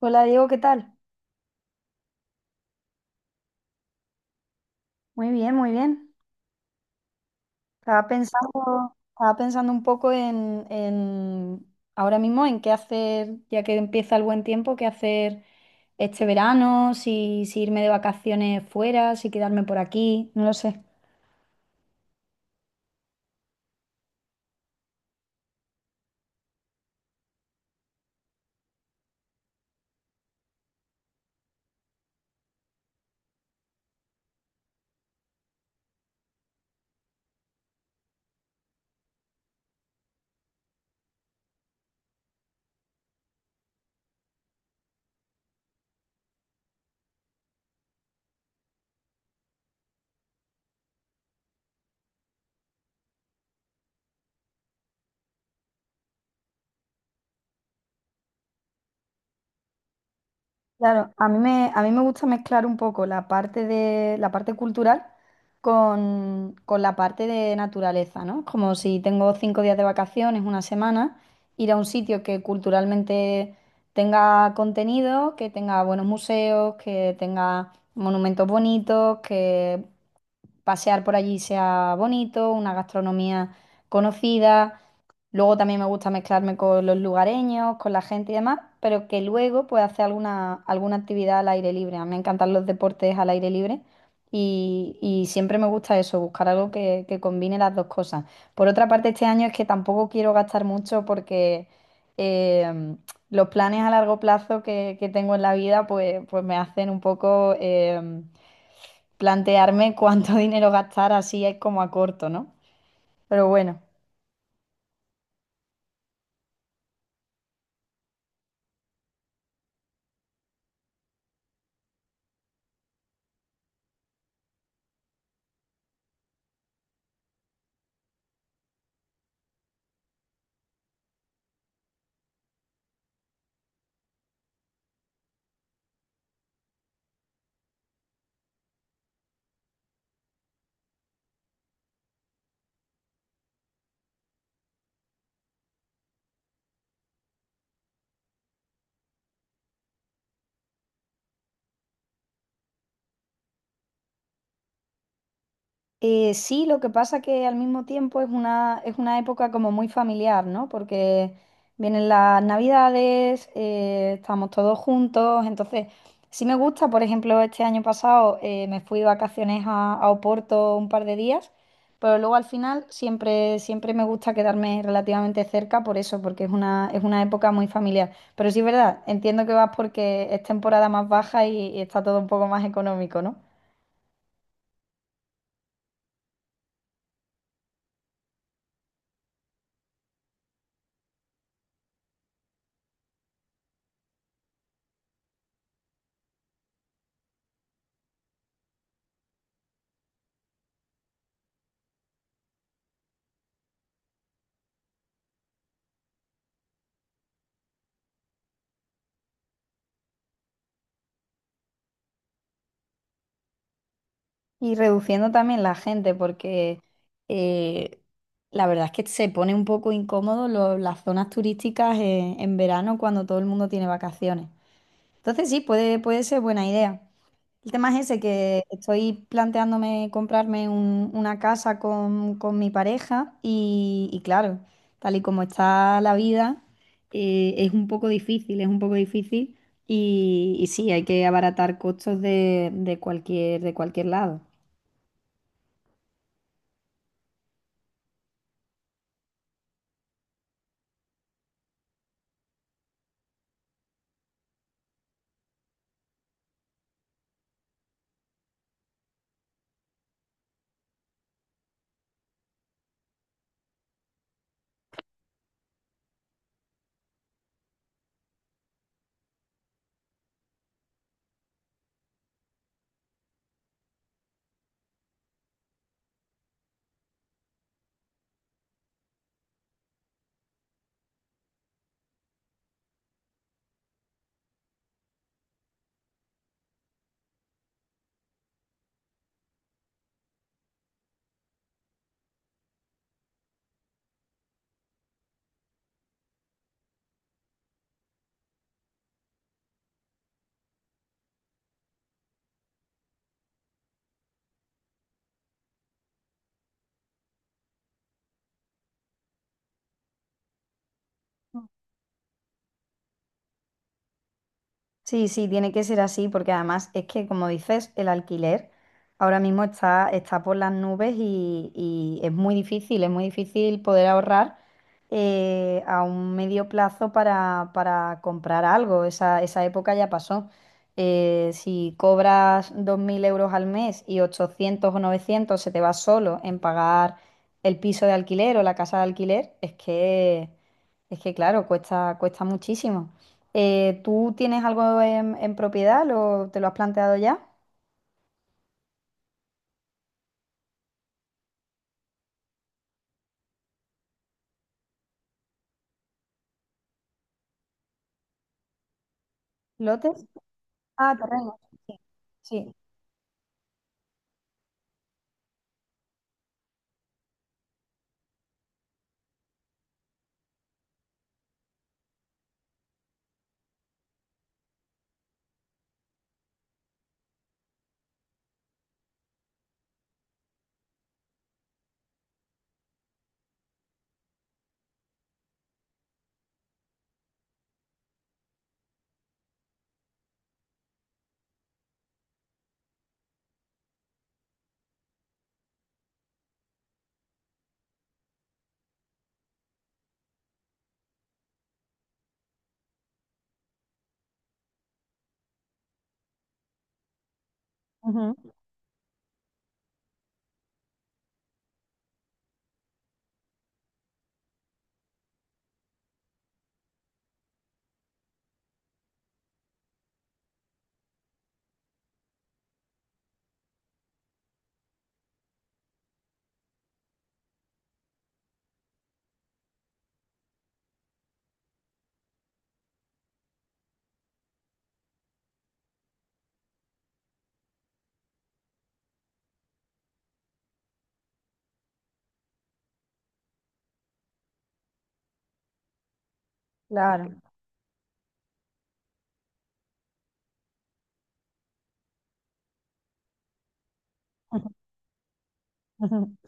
Hola Diego, ¿qué tal? Muy bien, muy bien. Estaba pensando un poco en ahora mismo en qué hacer, ya que empieza el buen tiempo, qué hacer este verano, si irme de vacaciones fuera, si quedarme por aquí, no lo sé. Claro, a mí me gusta mezclar un poco la parte cultural con la parte de naturaleza, ¿no? Como si tengo cinco días de vacaciones, una semana, ir a un sitio que culturalmente tenga contenido, que tenga buenos museos, que tenga monumentos bonitos, que pasear por allí sea bonito, una gastronomía conocida. Luego también me gusta mezclarme con los lugareños, con la gente y demás, pero que luego pues hacer alguna actividad al aire libre. A mí me encantan los deportes al aire libre y siempre me gusta eso, buscar algo que combine las dos cosas. Por otra parte, este año es que tampoco quiero gastar mucho porque em, los planes a largo plazo que tengo en la vida, pues me hacen un poco plantearme cuánto dinero gastar así es como a corto, ¿no? Pero bueno. Sí, lo que pasa que al mismo tiempo es es una época como muy familiar, ¿no? Porque vienen las navidades, estamos todos juntos, entonces sí me gusta, por ejemplo, este año pasado me fui de vacaciones a Oporto un par de días, pero luego al final siempre me gusta quedarme relativamente cerca por eso, porque es es una época muy familiar. Pero sí es verdad, entiendo que vas porque es temporada más baja y está todo un poco más económico, ¿no? Y reduciendo también la gente, porque eh, la verdad es que se pone un poco incómodo las zonas turísticas en verano cuando todo el mundo tiene vacaciones. Entonces sí, puede ser buena idea. El tema es ese, que estoy planteándome comprarme una casa con mi pareja y claro, tal y como está la vida, es un poco difícil, es un poco difícil y sí, hay que abaratar costos de de cualquier lado. Sí, sí, tiene que ser así, porque además es que, como dices, el alquiler ahora mismo está por las nubes y es muy difícil poder ahorrar a un medio plazo para comprar algo. Esa época ya pasó. Si cobras 2000 euros al mes y 800 o 900 se te va solo en pagar el piso de alquiler o la casa de alquiler, es que claro, cuesta, cuesta muchísimo. ¿Tú tienes algo en propiedad? ¿Lo, te lo has planteado ya? ¿Lotes? Ah, terreno. Sí, sí. Ujú. Claro.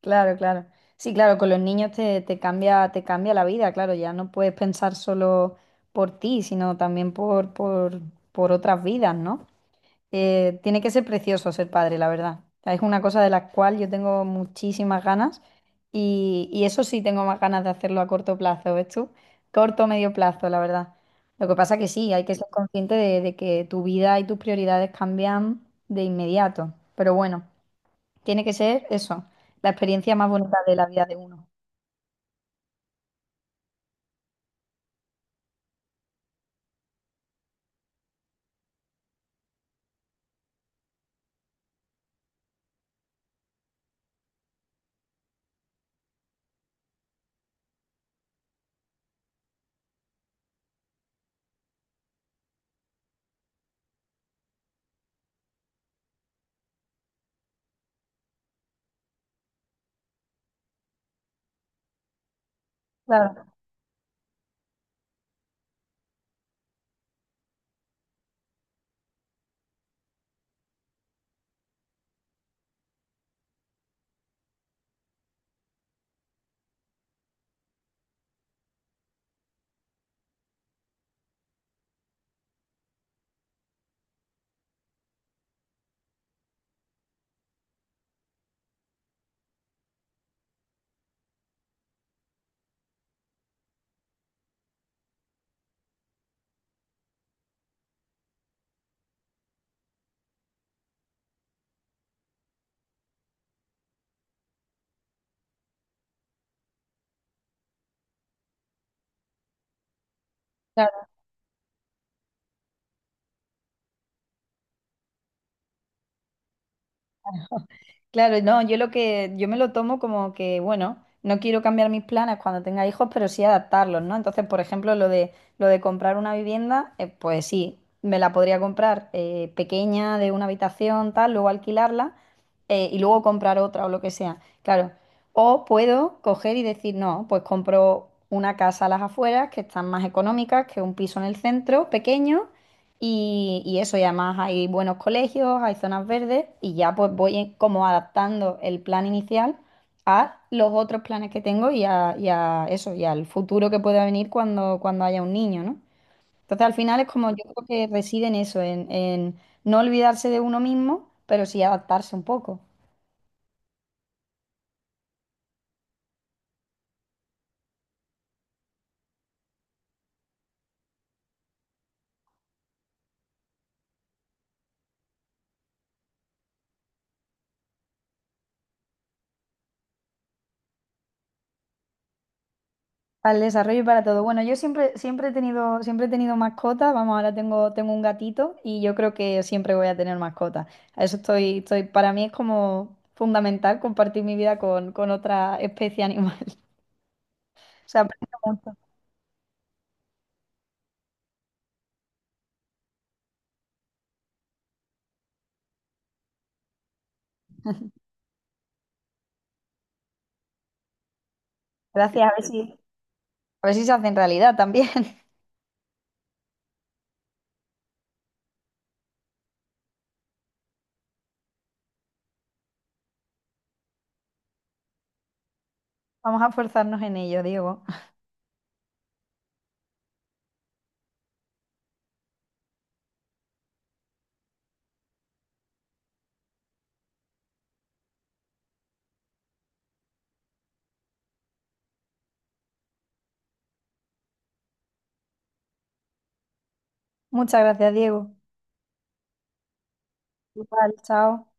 Claro, claro. Sí, claro, con los niños te cambia la vida, claro, ya no puedes pensar solo por ti, sino también por otras vidas, ¿no? Tiene que ser precioso ser padre, la verdad. Es una cosa de la cual yo tengo muchísimas ganas y eso sí tengo más ganas de hacerlo a corto plazo, ¿ves tú? Corto o medio plazo, la verdad. Lo que pasa que sí, hay que ser consciente de que tu vida y tus prioridades cambian de inmediato. Pero bueno, tiene que ser eso, la experiencia más bonita de la vida de uno. Claro, claro. Claro, no, yo me lo tomo como que, bueno, no quiero cambiar mis planes cuando tenga hijos, pero sí adaptarlos, ¿no? Entonces, por ejemplo, lo de comprar una vivienda, pues sí, me la podría comprar pequeña, de una habitación, tal, luego alquilarla y luego comprar otra o lo que sea, claro. O puedo coger y decir, no, pues compro una casa a las afueras que están más económicas que un piso en el centro, pequeño, y eso, y además hay buenos colegios, hay zonas verdes y ya pues voy como adaptando el plan inicial a los otros planes que tengo y a eso, al futuro que pueda venir cuando haya un niño, ¿no? Entonces al final es como yo creo que reside en eso, en no olvidarse de uno mismo, pero sí adaptarse un poco. Para el desarrollo y para todo. Bueno, siempre he tenido mascota. Vamos, ahora tengo, tengo un gatito y yo creo que siempre voy a tener mascota. A eso estoy, para mí es como fundamental compartir mi vida con otra especie animal. O sea, aprendo mucho. Gracias, a ver si se hace en realidad también. Vamos a esforzarnos en ello, Diego. Muchas gracias, Diego. Igual, chao.